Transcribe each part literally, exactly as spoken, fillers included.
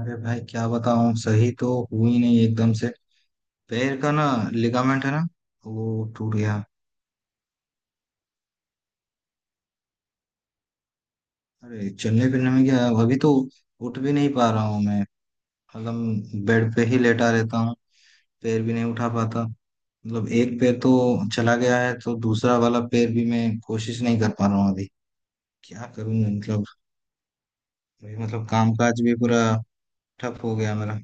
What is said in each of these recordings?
अरे भाई, क्या बताऊं। सही तो हुई नहीं एकदम से। पैर का ना, लिगामेंट है ना, वो टूट गया। अरे चलने फिरने में क्या, अभी तो उठ भी नहीं पा रहा हूँ मैं। मतलब बेड पे ही लेटा रहता हूँ। पैर भी नहीं उठा पाता। मतलब एक पैर तो चला गया है, तो दूसरा वाला पैर भी मैं कोशिश नहीं कर पा रहा हूँ अभी। क्या करूँ मतलब। अभी मतलब कामकाज भी पूरा ठप हो गया मेरा।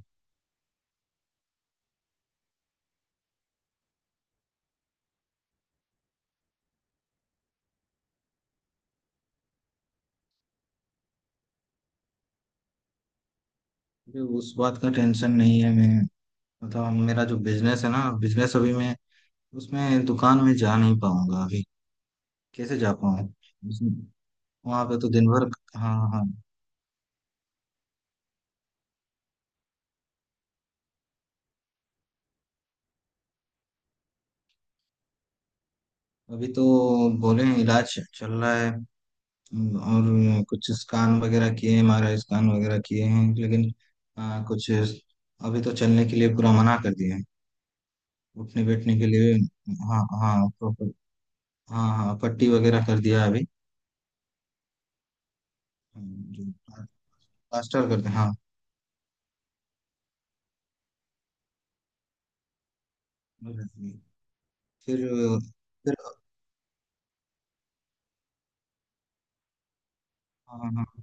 अभी उस बात का टेंशन नहीं है। मैं, मतलब मेरा जो बिजनेस है ना, बिजनेस अभी मैं उसमें दुकान में जा नहीं पाऊंगा अभी। कैसे जा पाऊँ। वहां पे तो दिन भर। हाँ हाँ। अभी तो बोले हैं, इलाज चल रहा है। और कुछ स्कैन वगैरह किए, एम आर आई स्कैन वगैरह किए हैं, लेकिन आ, कुछ अभी तो चलने के लिए पूरा मना कर दिया है। उठने बैठने के लिए। हाँ हाँ, प्रॉपर। हाँ हाँ, पट्टी वगैरह कर दिया है अभी जो। प्लास्टर कर दिया हाँ। फिर फिर हाँ हाँ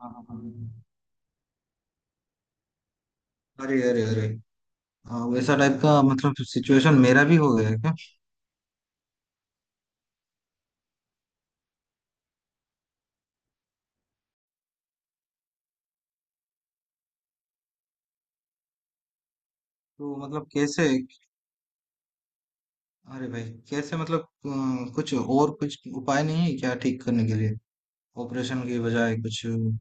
हाँ, हाँ हाँ। अरे अरे अरे। हाँ, वैसा टाइप का मतलब सिचुएशन मेरा भी हो गया है क्या? तो मतलब कैसे? अरे भाई, कैसे? मतलब अ, कुछ और कुछ उपाय नहीं है क्या ठीक करने के लिए? ऑपरेशन के बजाय कुछ? अरे।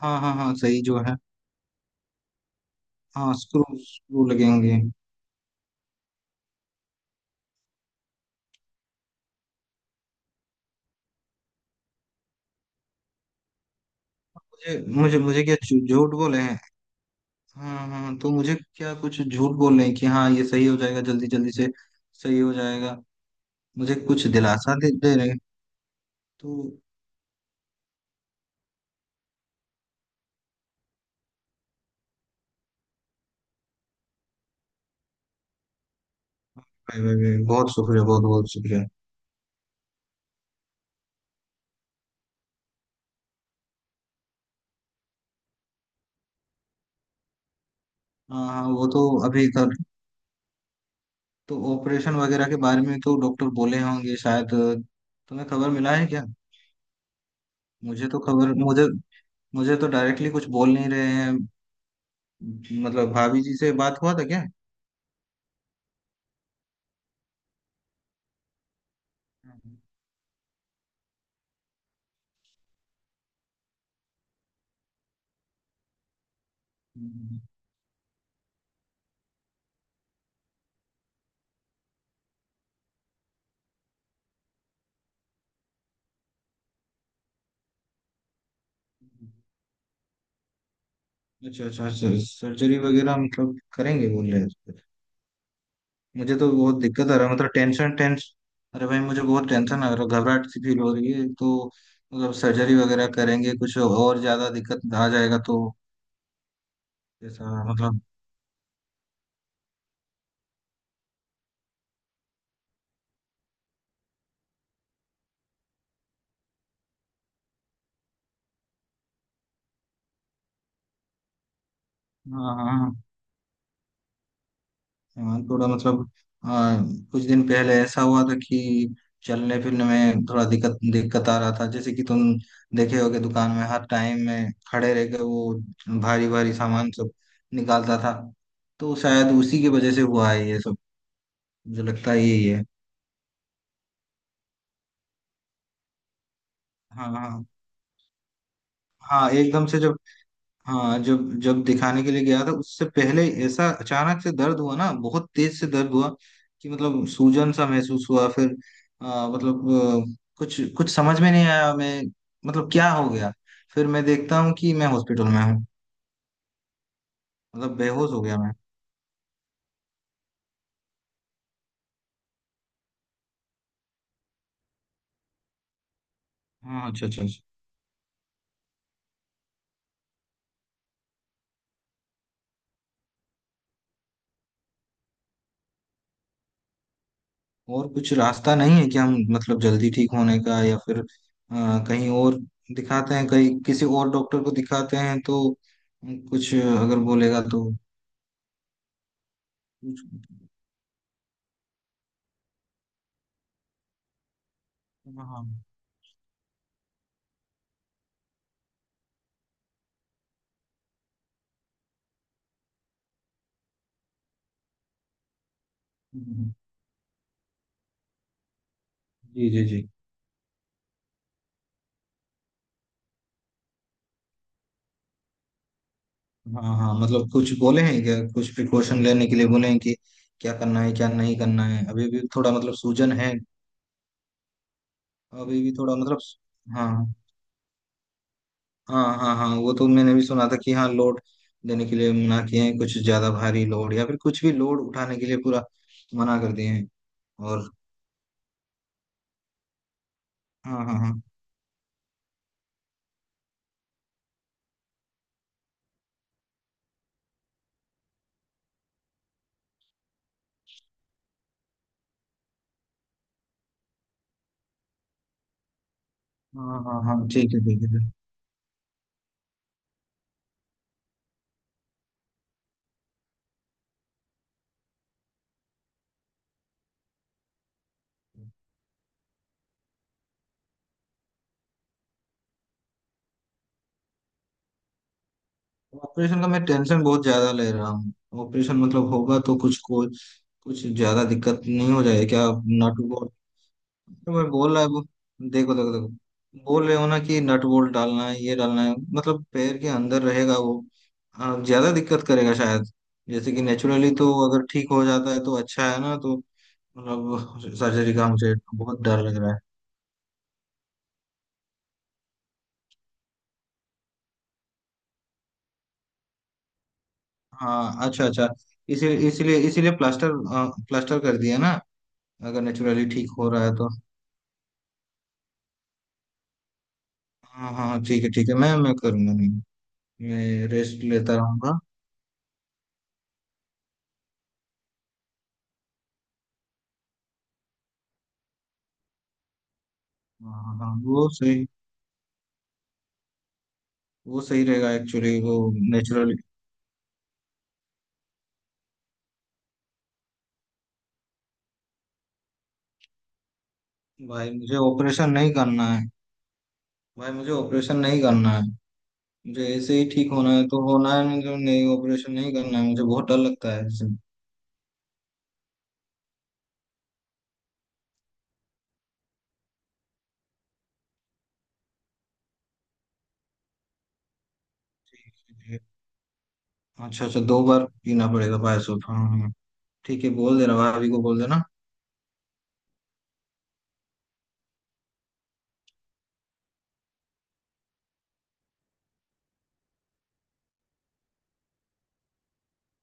हाँ हाँ हाँ, सही जो है। हाँ, स्क्रू स्क्रू लगेंगे। मुझे मुझे मुझे क्या झू- झूठ बोले हैं? हाँ हाँ, तो मुझे क्या कुछ झूठ बोल रहे हैं कि हाँ ये सही हो जाएगा जल्दी जल्दी से? सही हो जाएगा। मुझे कुछ दिलासा दे, दे रहे हैं तो? भाई भाई भाई, बहुत शुक्रिया, बहुत बहुत शुक्रिया। हाँ हाँ, वो तो अभी कर। तो ऑपरेशन वगैरह के बारे में तो डॉक्टर बोले होंगे शायद, तुम्हें खबर मिला है क्या? मुझे तो खबर मुझे मुझे तो डायरेक्टली कुछ बोल नहीं रहे हैं। मतलब भाभी जी से बात हुआ था क्या? अच्छा अच्छा, सर, सर्जरी वगैरह मतलब करेंगे बोल रहे हैं? मुझे तो बहुत दिक्कत आ रहा है, मतलब टेंशन, टेंस। अरे भाई, मुझे बहुत टेंशन आ रहा है, घबराहट सी फील हो रही है तो। मतलब सर्जरी वगैरह करेंगे, कुछ और ज्यादा दिक्कत आ जाएगा तो? ऐसा मतलब। हाँ हाँ हाँ। हाँ, थोड़ा मतलब। हाँ, कुछ दिन पहले ऐसा हुआ था कि चलने फिरने में थोड़ा दिक्कत दिक्कत आ रहा था, जैसे कि तुम देखे होगे, दुकान में हर टाइम में खड़े रह के वो भारी भारी सामान सब निकालता था। तो शायद उसी की वजह से हुआ है ये सब। मुझे लगता है यही है। हाँ हाँ हाँ, एकदम से जब। हाँ, जब जब दिखाने के लिए गया था, उससे पहले ऐसा अचानक से दर्द हुआ ना, बहुत तेज से दर्द हुआ कि मतलब सूजन सा महसूस हुआ फिर। आ, मतलब आ, कुछ कुछ समझ में नहीं आया मैं, मतलब क्या हो गया। फिर मैं देखता हूँ कि मैं हॉस्पिटल में हूँ, मतलब बेहोश हो गया मैं। हाँ, अच्छा अच्छा अच्छा। और कुछ रास्ता नहीं है कि हम मतलब जल्दी ठीक होने का, या फिर आ, कहीं और दिखाते हैं, कहीं किसी और डॉक्टर को दिखाते हैं तो कुछ अगर बोलेगा तो कुछ। हाँ, जी जी जी। हाँ हाँ, मतलब कुछ बोले हैं क्या, कुछ प्रिकॉशन लेने के लिए बोले हैं कि क्या करना है क्या नहीं करना है। अभी भी थोड़ा मतलब सूजन है। अभी भी थोड़ा मतलब। हाँ हाँ हाँ। हाँ वो तो मैंने भी सुना था कि हाँ, लोड देने के लिए मना किए हैं, कुछ ज्यादा भारी लोड या फिर कुछ भी लोड उठाने के लिए पूरा मना कर दिए हैं। और हाँ हाँ हाँ, हाँ हाँ हाँ, ठीक है ठीक है ठीक है। ऑपरेशन का मैं टेंशन बहुत ज्यादा ले रहा हूँ। ऑपरेशन मतलब होगा तो कुछ को कुछ ज्यादा दिक्कत नहीं हो जाए क्या? नाटू को, तो मैं बोल रहा है बोल। देखो देखो देखो, बोल रहे हो ना कि नट बोल्ट डालना है, ये डालना है, मतलब पैर के अंदर रहेगा वो। आ, ज्यादा दिक्कत करेगा शायद। जैसे कि नेचुरली तो अगर ठीक हो जाता है तो अच्छा है ना तो। मतलब सर्जरी का मुझे बहुत डर लग रहा है। हाँ, अच्छा अच्छा। इसी इसीलिए इसीलिए प्लास्टर आ, प्लास्टर कर दिया ना? अगर नेचुरली ठीक हो रहा है तो। हाँ हाँ हाँ, ठीक है ठीक है, मैं मैं करूँगा नहीं। मैं रेस्ट लेता रहूंगा। हाँ हाँ हाँ, वो सही वो सही रहेगा एक्चुअली, वो नेचुरल। भाई, मुझे ऑपरेशन नहीं करना है। भाई, मुझे ऑपरेशन नहीं करना है। मुझे ऐसे ही ठीक होना है तो होना है, मुझे नहीं, ऑपरेशन नहीं करना है, मुझे बहुत डर लगता है इससे। अच्छा अच्छा, दो बार पीना पड़ेगा पायसो, हाँ हाँ। ठीक है, बोल देना भाभी को, बोल देना।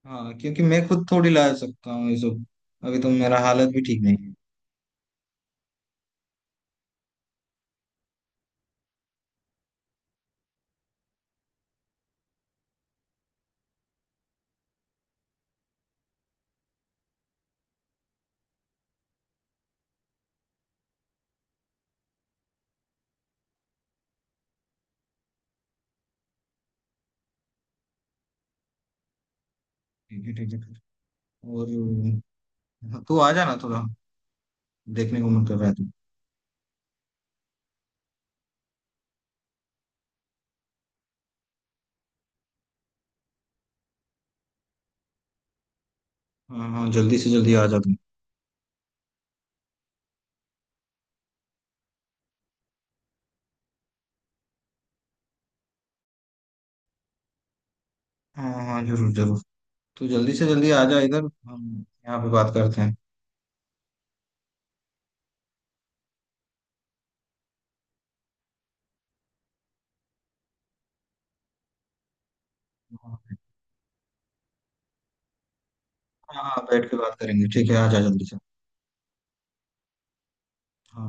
हाँ, क्योंकि मैं खुद थोड़ी ला सकता हूँ ये सब, अभी तो मेरा हालत भी ठीक नहीं है। ठीक है ठीक है ठीक है। और हाँ, तू आ जाना थोड़ा, देखने को मन कर रहा है तू। हाँ हाँ, जल्दी से जल्दी आ जा तू। हाँ हाँ, जरूर जरूर, तू जल्दी से जल्दी आ जा इधर। हम यहाँ पे बात करते हैं। हाँ हाँ, बैठ के बात करेंगे, ठीक है, आ जा जल्दी से। हाँ।